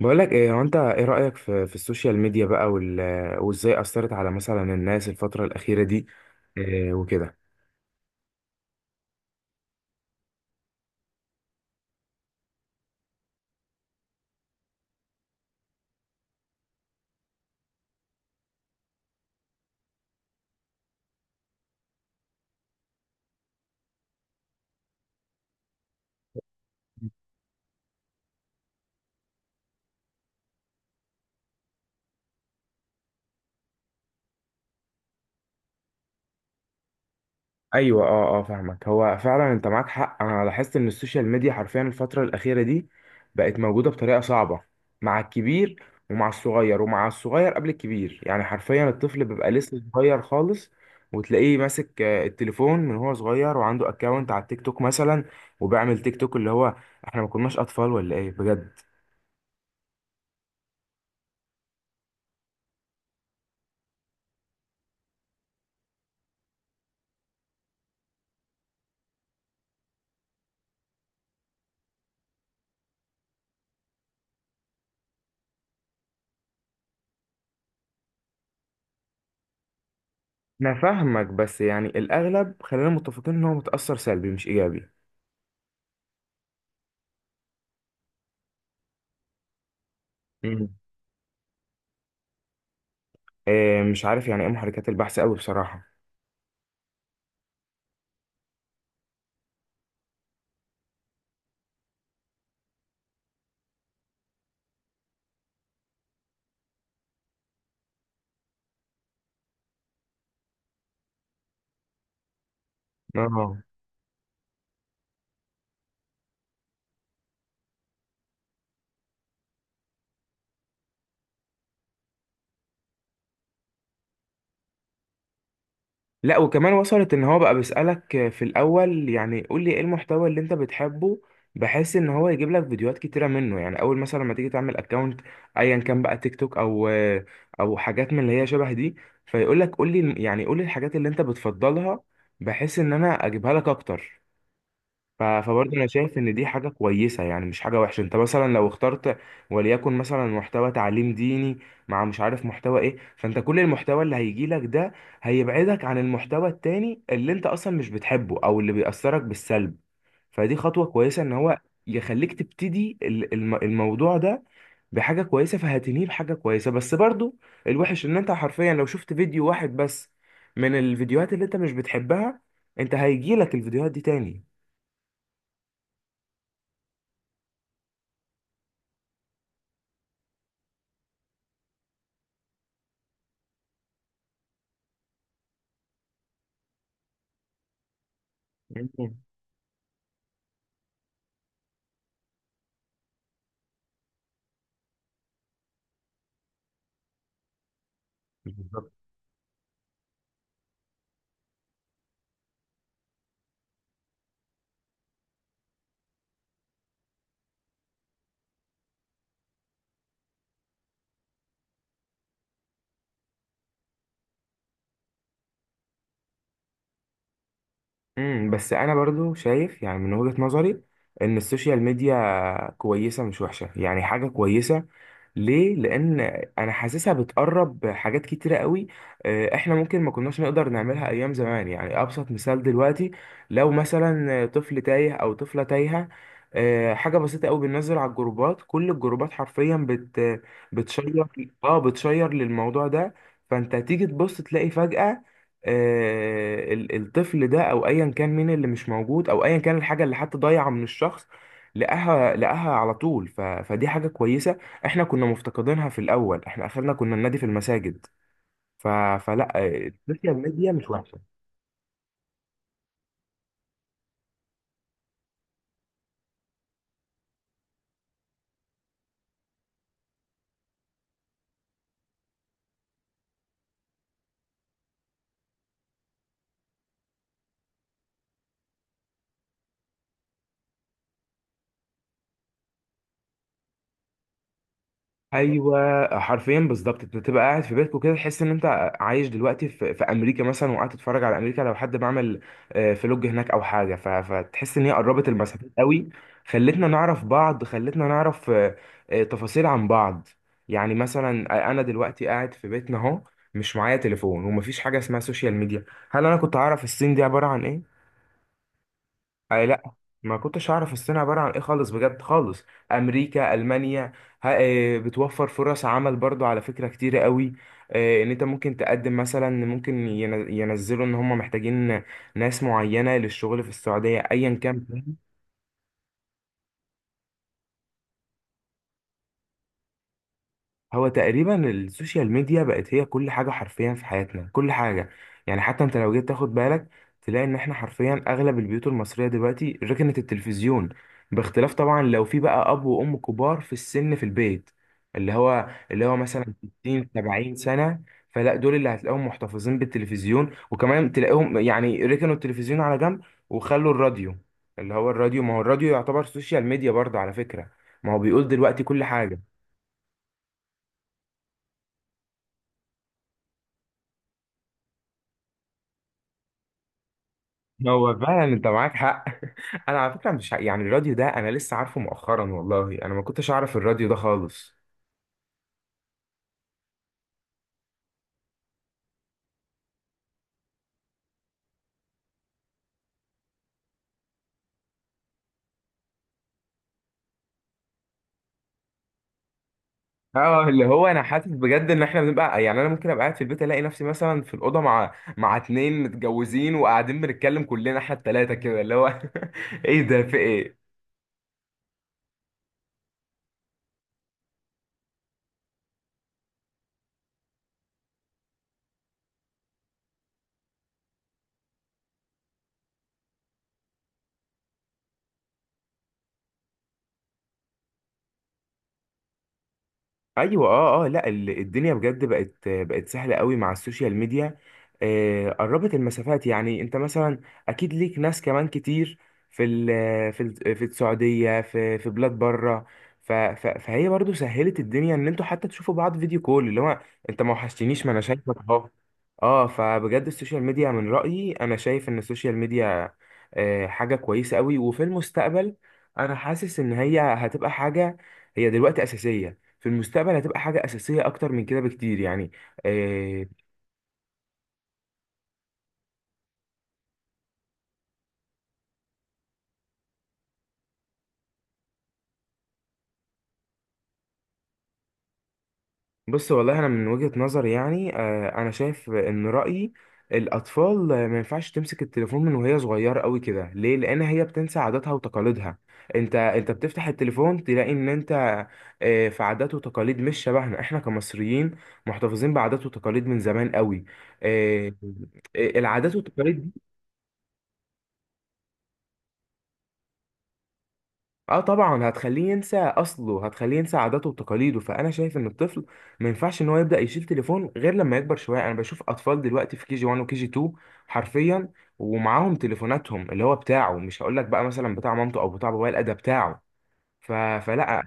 بقول لك ايه؟ هو انت ايه رأيك في السوشيال ميديا بقى وازاي أثرت على مثلا الناس الفترة الأخيرة دي، إيه وكده؟ ايوه، فاهمك. هو فعلا انت معاك حق. انا لاحظت ان السوشيال ميديا حرفيا الفترة الأخيرة دي بقت موجودة بطريقة صعبة مع الكبير ومع الصغير، ومع الصغير قبل الكبير. يعني حرفيا الطفل بيبقى لسه صغير خالص وتلاقيه ماسك التليفون من هو صغير، وعنده اكونت على التيك توك مثلا وبيعمل تيك توك. اللي هو احنا ما كناش اطفال ولا ايه بجد؟ انا فاهمك، بس يعني الاغلب خلينا متفقين ان هو متاثر سلبي مش ايجابي. مم. إيه، مش عارف يعني ايه محركات البحث قوي بصراحه. اه، لا وكمان وصلت ان هو بقى بيسالك في الاول يعني قول لي ايه المحتوى اللي انت بتحبه، بحيث ان هو يجيب لك فيديوهات كتيره منه. يعني اول مثلا لما تيجي تعمل اكونت، ايا كان بقى تيك توك او او حاجات من اللي هي شبه دي، فيقول لك قول لي يعني قول لي الحاجات اللي انت بتفضلها بحيث ان انا اجيبها لك اكتر. فبرضه انا شايف ان دي حاجه كويسه، يعني مش حاجه وحشه. انت مثلا لو اخترت وليكن مثلا محتوى تعليم ديني، مع مش عارف محتوى ايه، فانت كل المحتوى اللي هيجي لك ده هيبعدك عن المحتوى التاني اللي انت اصلا مش بتحبه او اللي بيأثرك بالسلب. فدي خطوه كويسه ان هو يخليك تبتدي الموضوع ده بحاجه كويسه، فهتنهيه بحاجه كويسه. بس برضه الوحش ان انت حرفيا لو شفت فيديو واحد بس من الفيديوهات اللي انت مش بتحبها، انت هيجيلك الفيديوهات دي تاني. بالظبط. بس انا برضو شايف، يعني من وجهة نظري، ان السوشيال ميديا كويسة مش وحشة، يعني حاجة كويسة. ليه؟ لان انا حاسسها بتقرب حاجات كتيره قوي. احنا ممكن ما كناش نقدر نعملها ايام زمان. يعني ابسط مثال دلوقتي، لو مثلا طفل تايه او طفله تايهه، حاجه بسيطه قوي، بننزل على الجروبات، كل الجروبات حرفيا بتشير. اه، بتشير للموضوع ده. فانت تيجي تبص تلاقي فجاه الطفل ده او ايا كان مين اللي مش موجود، او ايا كان الحاجه اللي حتى ضايعه من الشخص، لقاها. لقاها على طول. فدي حاجه كويسه. احنا كنا مفتقدينها في الاول، احنا اخرنا كنا النادي في المساجد. ف... فلا، السوشيال ميديا مش وحشه. ايوه، حرفيا بالظبط. انت تبقى قاعد في بيتك وكده تحس ان انت عايش دلوقتي في امريكا مثلا، وقاعد تتفرج على امريكا لو حد بعمل فلوج هناك او حاجه. فتحس ان هي قربت المسافات قوي. خلتنا نعرف بعض، خلتنا نعرف تفاصيل عن بعض. يعني مثلا انا دلوقتي قاعد في بيتنا اهو، مش معايا تليفون ومفيش حاجه اسمها سوشيال ميديا، هل انا كنت اعرف الصين دي عباره عن ايه؟ أي لا. ما كنتش اعرف الصين عباره عن ايه خالص، بجد خالص. امريكا، المانيا. ها إيه، بتوفر فرص عمل برضو على فكره كتيره قوي. إيه، ان انت ممكن تقدم مثلا، ممكن ينزلوا ان هم محتاجين ناس معينه للشغل في السعوديه ايا كان. هو تقريبا السوشيال ميديا بقت هي كل حاجة حرفيا في حياتنا، كل حاجة. يعني حتى انت لو جيت تاخد بالك تلاقي ان احنا حرفيا اغلب البيوت المصرية دلوقتي ركنت التلفزيون، باختلاف طبعا لو في بقى اب وام كبار في السن في البيت، اللي هو مثلا 60 70 سنة. فلا، دول اللي هتلاقيهم محتفظين بالتلفزيون، وكمان تلاقيهم يعني ركنوا التلفزيون على جنب وخلوا الراديو. اللي هو الراديو، ما هو الراديو يعتبر سوشيال ميديا برضه على فكرة. ما هو بيقول دلوقتي كل حاجة. هو فعلا انت معاك حق. انا على فكره مش يعني الراديو ده انا لسه عارفه مؤخرا، والله انا ما كنتش اعرف الراديو ده خالص. اه، اللي هو انا حاسس بجد ان احنا بنبقى، يعني انا ممكن ابقى قاعد في البيت الاقي نفسي مثلا في الاوضه مع اتنين متجوزين وقاعدين بنتكلم كلنا، احنا التلاته كده اللي هو. ايه ده، في ايه؟ ايوه، لا، الدنيا بجد بقت سهله قوي مع السوشيال ميديا. آه قربت المسافات، يعني انت مثلا اكيد ليك ناس كمان كتير في ال في السعوديه، في بلاد بره. فهي برضو سهلت الدنيا ان انتوا حتى تشوفوا بعض فيديو كول، اللي هو انت ما وحشتنيش ما انا شايفك اهو. اه، فبجد السوشيال ميديا من رايي انا شايف ان السوشيال ميديا حاجه كويسه قوي. وفي المستقبل انا حاسس ان هي هتبقى حاجه، هي دلوقتي اساسيه، في المستقبل هتبقى حاجة أساسية أكتر من كده بكتير يعني. آه، بص، والله أنا من وجهة نظري يعني أنا شايف إن رأيي الأطفال ما ينفعش تمسك التليفون من وهي صغيرة قوي كده. ليه؟ لأن هي بتنسى عاداتها وتقاليدها. أنت بتفتح التليفون تلاقي إن أنت في عادات وتقاليد مش شبهنا. إحنا كمصريين محتفظين بعادات وتقاليد من زمان قوي. آه، العادات والتقاليد. اه طبعا، هتخليه ينسى اصله، هتخليه ينسى عاداته وتقاليده. فانا شايف ان الطفل ما ينفعش ان هو يبدا يشيل تليفون غير لما يكبر شويه. انا بشوف اطفال دلوقتي في كي جي 1 وكي جي 2 حرفيا، ومعاهم تليفوناتهم اللي هو بتاعه. مش هقول لك بقى مثلا بتاع مامته او بتاع بابايا، لا ده بتاعه. ف... فلا،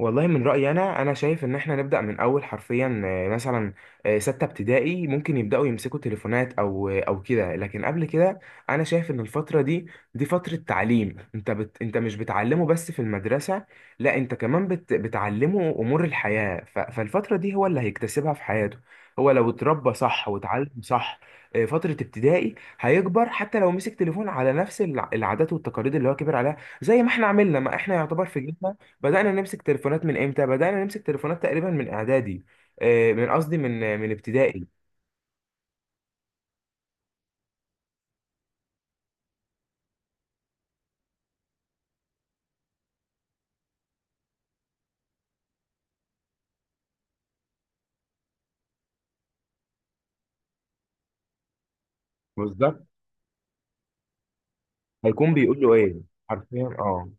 والله من رأيي أنا، أنا شايف إن إحنا نبدأ من أول حرفيا مثلا ستة ابتدائي ممكن يبدأوا يمسكوا تليفونات أو أو كده. لكن قبل كده أنا شايف إن الفترة دي دي فترة تعليم. أنت مش بتعلمه بس في المدرسة، لا أنت كمان بت بتعلمه أمور الحياة. فالفترة دي هو اللي هيكتسبها في حياته. هو لو اتربى صح واتعلم صح فترة ابتدائي، هيكبر حتى لو مسك تليفون على نفس العادات والتقاليد اللي هو كبر عليها زي ما احنا عملنا، ما احنا يعتبر في جيلنا. بدأنا نمسك تليفونات من امتى؟ بدأنا نمسك تليفونات تقريبا من اعدادي، من قصدي من ابتدائي. بالظبط. هيكون بيقول له ايه؟ حرفيا، اه.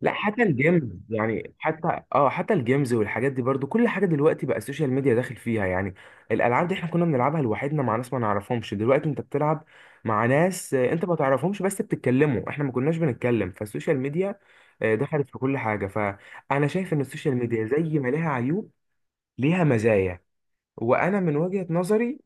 لا حتى الجيمز. يعني حتى الجيمز والحاجات دي برضو، كل حاجة دلوقتي بقى السوشيال ميديا داخل فيها يعني. الألعاب دي احنا كنا بنلعبها لوحدنا مع ناس ما نعرفهمش. دلوقتي انت بتلعب مع ناس انت ما تعرفهمش بس بتتكلموا، احنا ما كناش بنتكلم. فالسوشيال ميديا دخلت في كل حاجة. فأنا شايف ان السوشيال ميديا زي ما لها عيوب ليها مزايا. وانا من وجهة نظري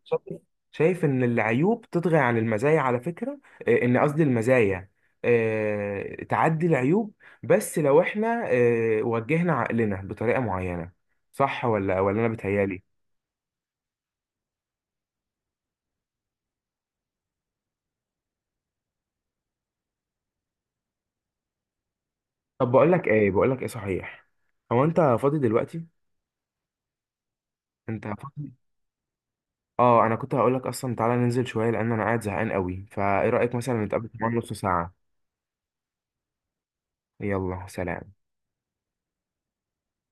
شايف ان العيوب تطغى عن المزايا على فكرة، ان قصدي المزايا تعدي العيوب، بس لو احنا وجهنا عقلنا بطريقة معينة. صح ولا انا بتهيالي؟ طب، بقول لك ايه صحيح، هو انت فاضي دلوقتي؟ انت فاضي؟ اه، انا كنت هقول لك اصلا تعالى ننزل شوية لان انا قاعد زهقان قوي. فايه رأيك مثلا نتقابل كمان نص ساعة؟ يلا سلام.